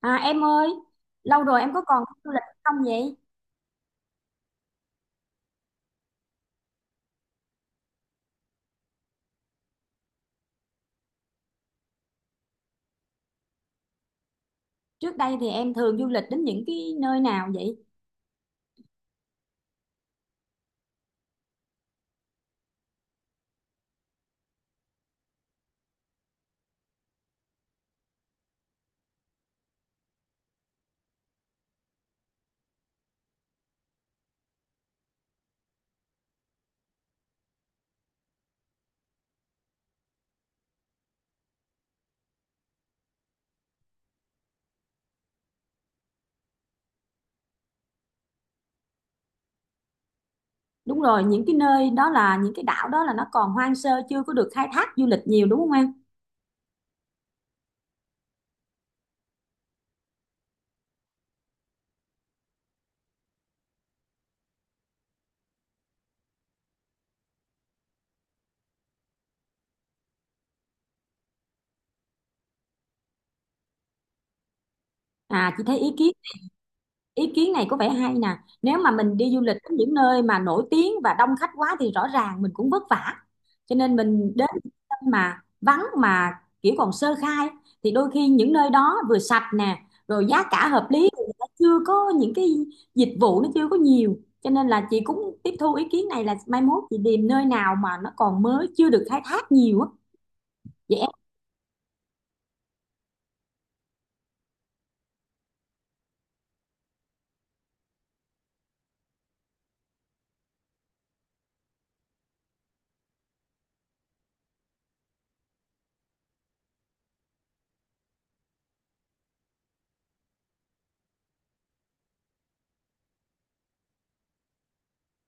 À em ơi, lâu rồi em có còn đi du lịch không vậy? Trước đây thì em thường du lịch đến những cái nơi nào vậy? Đúng rồi, những cái nơi đó, là những cái đảo đó, là nó còn hoang sơ, chưa có được khai thác du lịch nhiều đúng không em? À, chị thấy ý kiến này có vẻ hay nè. Nếu mà mình đi du lịch đến những nơi mà nổi tiếng và đông khách quá thì rõ ràng mình cũng vất vả, cho nên mình đến những nơi mà vắng, mà kiểu còn sơ khai, thì đôi khi những nơi đó vừa sạch nè, rồi giá cả hợp lý, thì người ta chưa có những cái dịch vụ, nó chưa có nhiều. Cho nên là chị cũng tiếp thu ý kiến này, là mai mốt chị tìm nơi nào mà nó còn mới, chưa được khai thác nhiều á, vậy.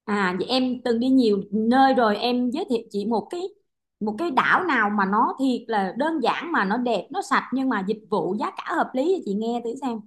À, vậy em từng đi nhiều nơi rồi, em giới thiệu chị một cái đảo nào mà nó thiệt là đơn giản, mà nó đẹp, nó sạch, nhưng mà dịch vụ giá cả hợp lý, cho chị nghe thử xem.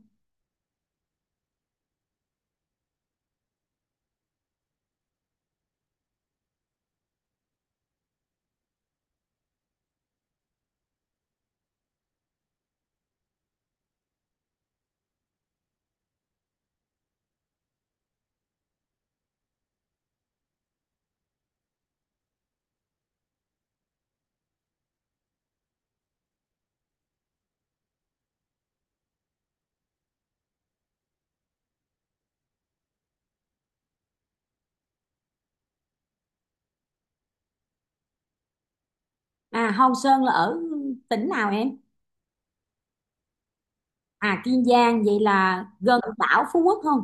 À, Hòn Sơn là ở tỉnh nào em? À, Kiên Giang, vậy là gần đảo Phú Quốc không?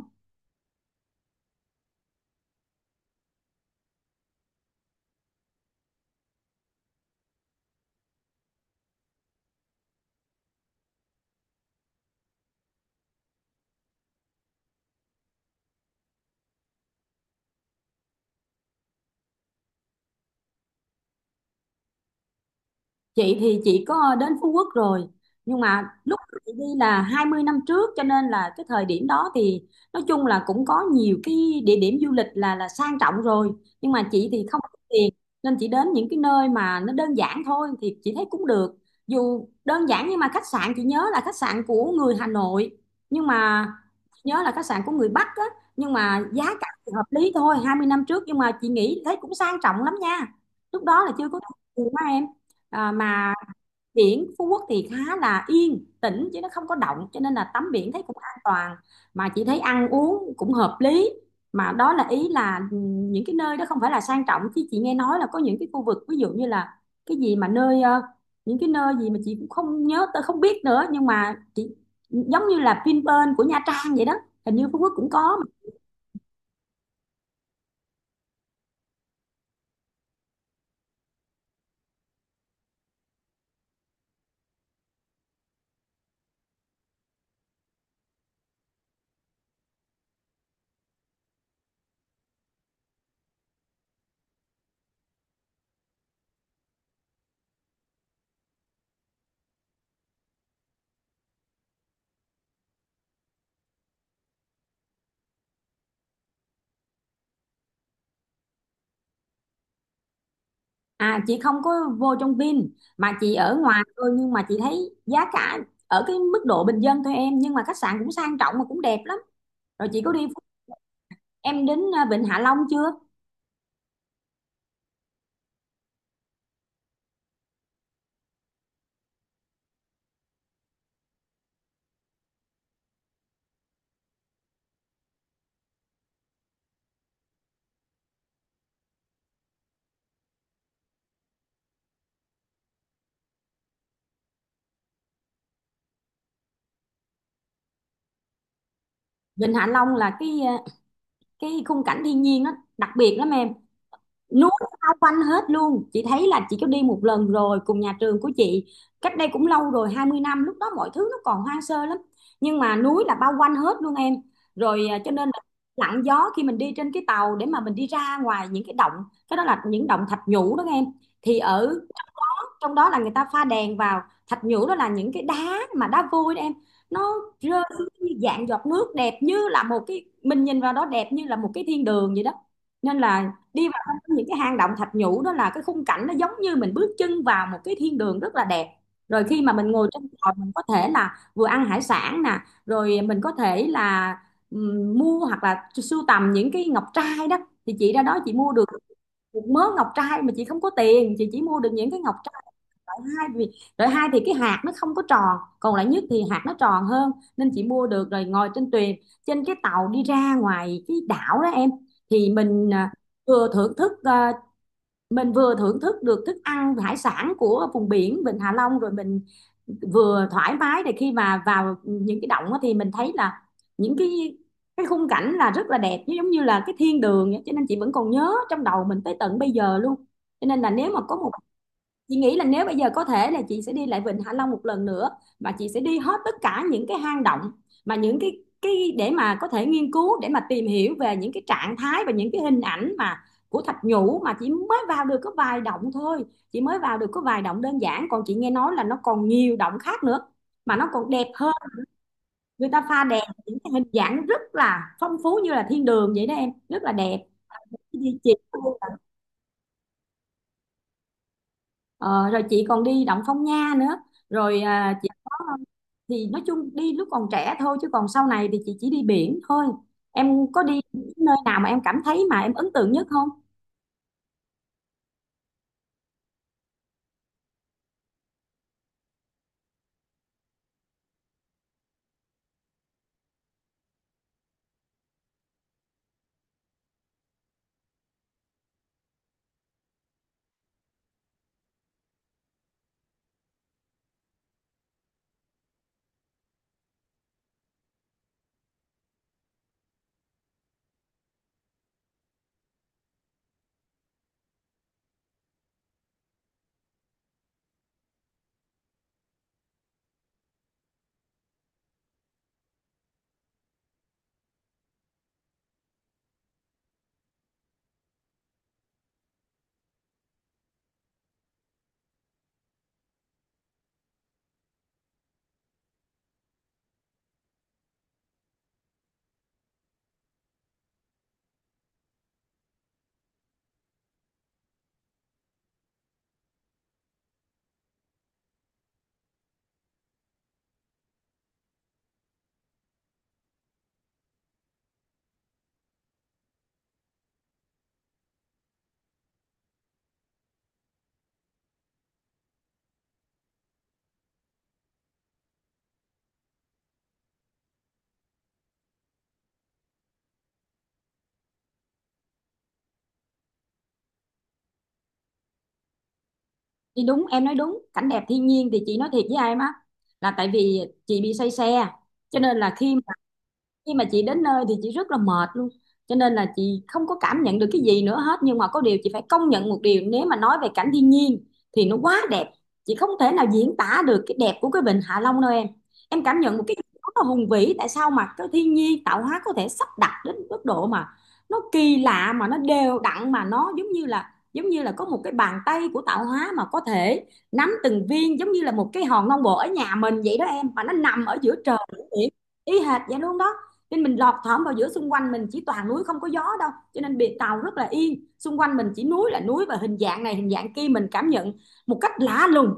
Chị thì chị có đến Phú Quốc rồi, nhưng mà lúc chị đi là 20 năm trước, cho nên là cái thời điểm đó thì nói chung là cũng có nhiều cái địa điểm du lịch là sang trọng rồi, nhưng mà chị thì không có tiền, nên chị đến những cái nơi mà nó đơn giản thôi thì chị thấy cũng được. Dù đơn giản nhưng mà khách sạn, chị nhớ là khách sạn của người Hà Nội, nhưng mà chị nhớ là khách sạn của người Bắc á, nhưng mà giá cả thì hợp lý thôi, 20 năm trước, nhưng mà chị nghĩ thấy cũng sang trọng lắm nha. Lúc đó là chưa có tiền mà. À, mà biển Phú Quốc thì khá là yên tĩnh chứ nó không có động, cho nên là tắm biển thấy cũng an toàn. Mà chị thấy ăn uống cũng hợp lý. Mà đó là ý là những cái nơi đó không phải là sang trọng, chứ chị nghe nói là có những cái khu vực ví dụ như là cái gì mà nơi, những cái nơi gì mà chị cũng không nhớ, tôi không biết nữa, nhưng mà chị, giống như là Vinpearl của Nha Trang vậy đó, hình như Phú Quốc cũng có. À, chị không có vô trong Vin, mà chị ở ngoài thôi, nhưng mà chị thấy giá cả ở cái mức độ bình dân thôi em, nhưng mà khách sạn cũng sang trọng mà cũng đẹp lắm. Rồi chị có đi, em đến Vịnh Hạ Long chưa? Vịnh Hạ Long là cái, cái khung cảnh thiên nhiên nó đặc biệt lắm em. Núi bao quanh hết luôn, chị thấy là chị có đi một lần rồi cùng nhà trường của chị, cách đây cũng lâu rồi, 20 năm, lúc đó mọi thứ nó còn hoang sơ lắm, nhưng mà núi là bao quanh hết luôn em. Rồi cho nên là lặng gió khi mình đi trên cái tàu để mà mình đi ra ngoài những cái động. Cái đó là những động thạch nhũ đó em, thì ở trong đó là người ta pha đèn vào. Thạch nhũ đó là những cái đá mà đá vôi đó em, nó rơi xuống như dạng giọt nước, đẹp như là một cái, mình nhìn vào đó đẹp như là một cái thiên đường vậy đó. Nên là đi vào trong những cái hang động thạch nhũ đó là cái khung cảnh nó giống như mình bước chân vào một cái thiên đường rất là đẹp. Rồi khi mà mình ngồi trên tàu, mình có thể là vừa ăn hải sản nè, rồi mình có thể là mua hoặc là sưu tầm những cái ngọc trai đó. Thì chị ra đó chị mua được một mớ ngọc trai, mà chị không có tiền, chị chỉ mua được những cái ngọc loại hai. Vì loại hai thì cái hạt nó không có tròn, còn loại nhất thì hạt nó tròn hơn, nên chị mua được. Rồi ngồi trên thuyền, trên cái tàu đi ra ngoài cái đảo đó em, thì mình vừa thưởng thức, mình vừa thưởng thức được thức ăn hải sản của vùng biển Vịnh Hạ Long, rồi mình vừa thoải mái, để khi mà vào những cái động á thì mình thấy là những cái khung cảnh là rất là đẹp, giống như là cái thiên đường vậy. Cho nên chị vẫn còn nhớ trong đầu mình tới tận bây giờ luôn. Cho nên là nếu mà có một, chị nghĩ là nếu bây giờ có thể là chị sẽ đi lại Vịnh Hạ Long một lần nữa, và chị sẽ đi hết tất cả những cái hang động, mà những cái để mà có thể nghiên cứu, để mà tìm hiểu về những cái trạng thái và những cái hình ảnh mà của thạch nhũ, mà chỉ mới vào được có vài động thôi, chị mới vào được có vài động đơn giản, còn chị nghe nói là nó còn nhiều động khác nữa mà nó còn đẹp hơn. Người ta pha đèn những cái hình dạng rất là phong phú như là thiên đường vậy đó em, rất là đẹp. Chị Ờ, rồi chị còn đi Động Phong Nha nữa, rồi chị có, thì nói chung đi lúc còn trẻ thôi, chứ còn sau này thì chị chỉ đi biển thôi. Em có đi nơi nào mà em cảm thấy mà em ấn tượng nhất không? Thì đúng, em nói đúng, cảnh đẹp thiên nhiên thì chị nói thiệt với em á, là tại vì chị bị say xe, cho nên là khi khi mà chị đến nơi thì chị rất là mệt luôn, cho nên là chị không có cảm nhận được cái gì nữa hết. Nhưng mà có điều chị phải công nhận một điều, nếu mà nói về cảnh thiên nhiên thì nó quá đẹp. Chị không thể nào diễn tả được cái đẹp của cái vịnh Hạ Long đâu em cảm nhận một cái gì đó rất là hùng vĩ. Tại sao mà cái thiên nhiên tạo hóa có thể sắp đặt đến mức độ mà nó kỳ lạ, mà nó đều đặn, mà nó giống như là, có một cái bàn tay của tạo hóa mà có thể nắm từng viên, giống như là một cái hòn non bộ ở nhà mình vậy đó em, mà nó nằm ở giữa trời biển, ý hệt vậy luôn đó. Nên mình lọt thỏm vào giữa, xung quanh mình chỉ toàn núi, không có gió đâu, cho nên biệt tàu rất là yên, xung quanh mình chỉ núi là núi, và hình dạng này hình dạng kia, mình cảm nhận một cách lạ lùng,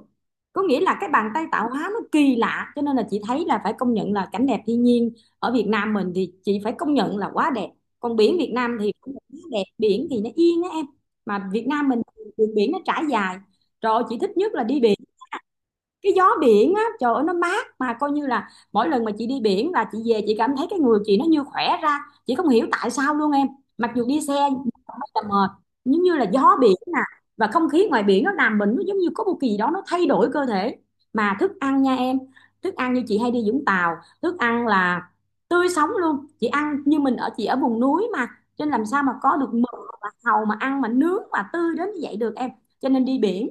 có nghĩa là cái bàn tay tạo hóa nó kỳ lạ. Cho nên là chị thấy là phải công nhận là cảnh đẹp thiên nhiên ở Việt Nam mình thì chị phải công nhận là quá đẹp. Còn biển Việt Nam thì cũng đẹp, biển thì nó yên đó em, mà Việt Nam mình đường biển nó trải dài. Rồi chị thích nhất là đi biển, cái gió biển á trời ơi nó mát, mà coi như là mỗi lần mà chị đi biển là chị về chị cảm thấy cái người chị nó như khỏe ra, chị không hiểu tại sao luôn em. Mặc dù đi xe rất là mệt, nhưng như là gió biển nè, và không khí ngoài biển nó làm mình, nó giống như có một kỳ gì đó nó thay đổi cơ thể. Mà thức ăn nha em, thức ăn như chị hay đi Vũng Tàu, thức ăn là tươi sống luôn. Chị ăn, như mình ở, chị ở vùng núi mà, cho nên làm sao mà có được mực hoặc là hàu mà ăn mà nướng mà tươi đến như vậy được em. Cho nên đi biển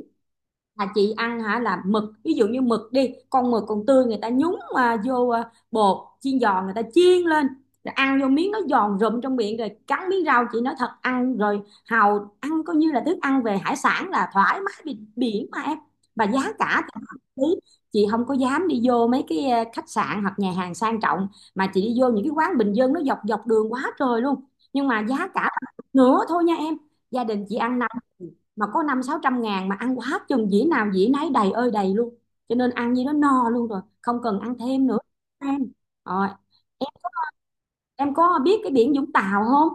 là chị ăn hả, là mực, ví dụ như mực đi, con mực còn tươi người ta nhúng mà vô bột chiên giòn, người ta chiên lên rồi ăn vô, miếng nó giòn rụm trong miệng, rồi cắn miếng rau, chị nói thật, ăn rồi hàu, ăn coi như là thức ăn về hải sản là thoải mái, biển, biển mà em. Và giá cả thì hợp lý, chị không có dám đi vô mấy cái khách sạn hoặc nhà hàng sang trọng, mà chị đi vô những cái quán bình dân nó dọc dọc đường quá trời luôn, nhưng mà giá cả bằng một nửa thôi nha em. Gia đình chị ăn năm, mà có 500-600 nghìn mà ăn quá chừng, dĩa nào dĩa nấy đầy ơi đầy luôn, cho nên ăn như đó no luôn rồi, không cần ăn thêm nữa em. Rồi em em có biết cái biển Vũng Tàu không?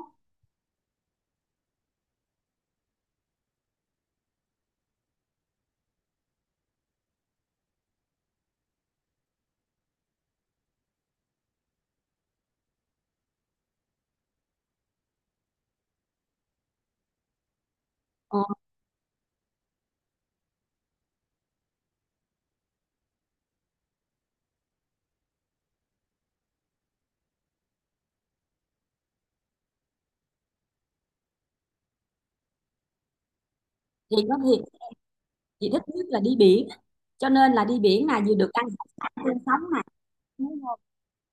ờ, thì có, thì chị thích nhất là đi biển, cho nên là đi biển là vừa được ăn hải sản tươi sống này,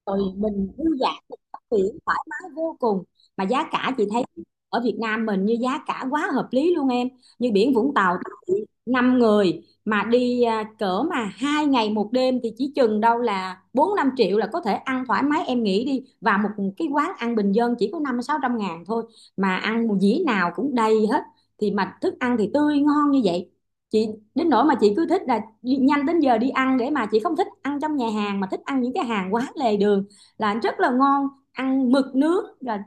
rồi mình vui vẻ, mình tắm biển thoải mái vô cùng, mà giá cả chị thấy ở Việt Nam mình như giá cả quá hợp lý luôn em. Như biển Vũng Tàu, năm người mà đi cỡ mà 2 ngày 1 đêm thì chỉ chừng đâu là 4-5 triệu là có thể ăn thoải mái em nghĩ đi. Và một cái quán ăn bình dân chỉ có 500-600 nghìn thôi, mà ăn một dĩa nào cũng đầy hết, thì mà thức ăn thì tươi ngon như vậy. Chị đến nỗi mà chị cứ thích là nhanh đến giờ đi ăn, để mà chị không thích ăn trong nhà hàng mà thích ăn những cái hàng quán lề đường là rất là ngon, ăn mực nướng rồi,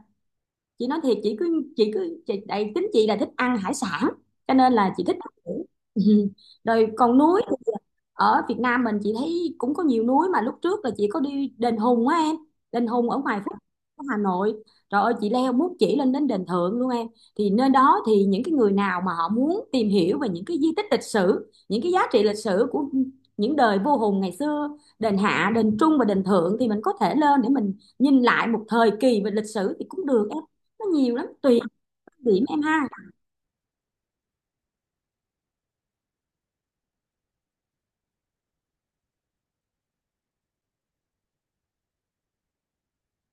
chị nói thiệt, đây tính chị là thích ăn hải sản, cho nên là chị thích ăn biển. Ừ. Rồi còn núi thì ở Việt Nam mình chị thấy cũng có nhiều núi, mà lúc trước là chị có đi đền Hùng á em, đền Hùng ở ngoài Phúc, ở Hà Nội, trời ơi chị leo muốn chỉ lên đến đền Thượng luôn em. Thì nơi đó thì những cái người nào mà họ muốn tìm hiểu về những cái di tích lịch sử, những cái giá trị lịch sử của những đời vua Hùng ngày xưa, đền Hạ, đền Trung và đền Thượng, thì mình có thể lên để mình nhìn lại một thời kỳ về lịch sử thì cũng được. Nó nhiều lắm tùy điểm em ha.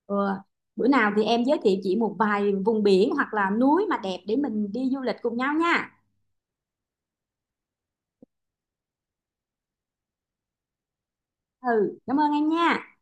Ừ. Bữa nào thì em giới thiệu chị một vài vùng biển hoặc là núi mà đẹp để mình đi du lịch cùng nhau nha. Ừ, cảm ơn em nha.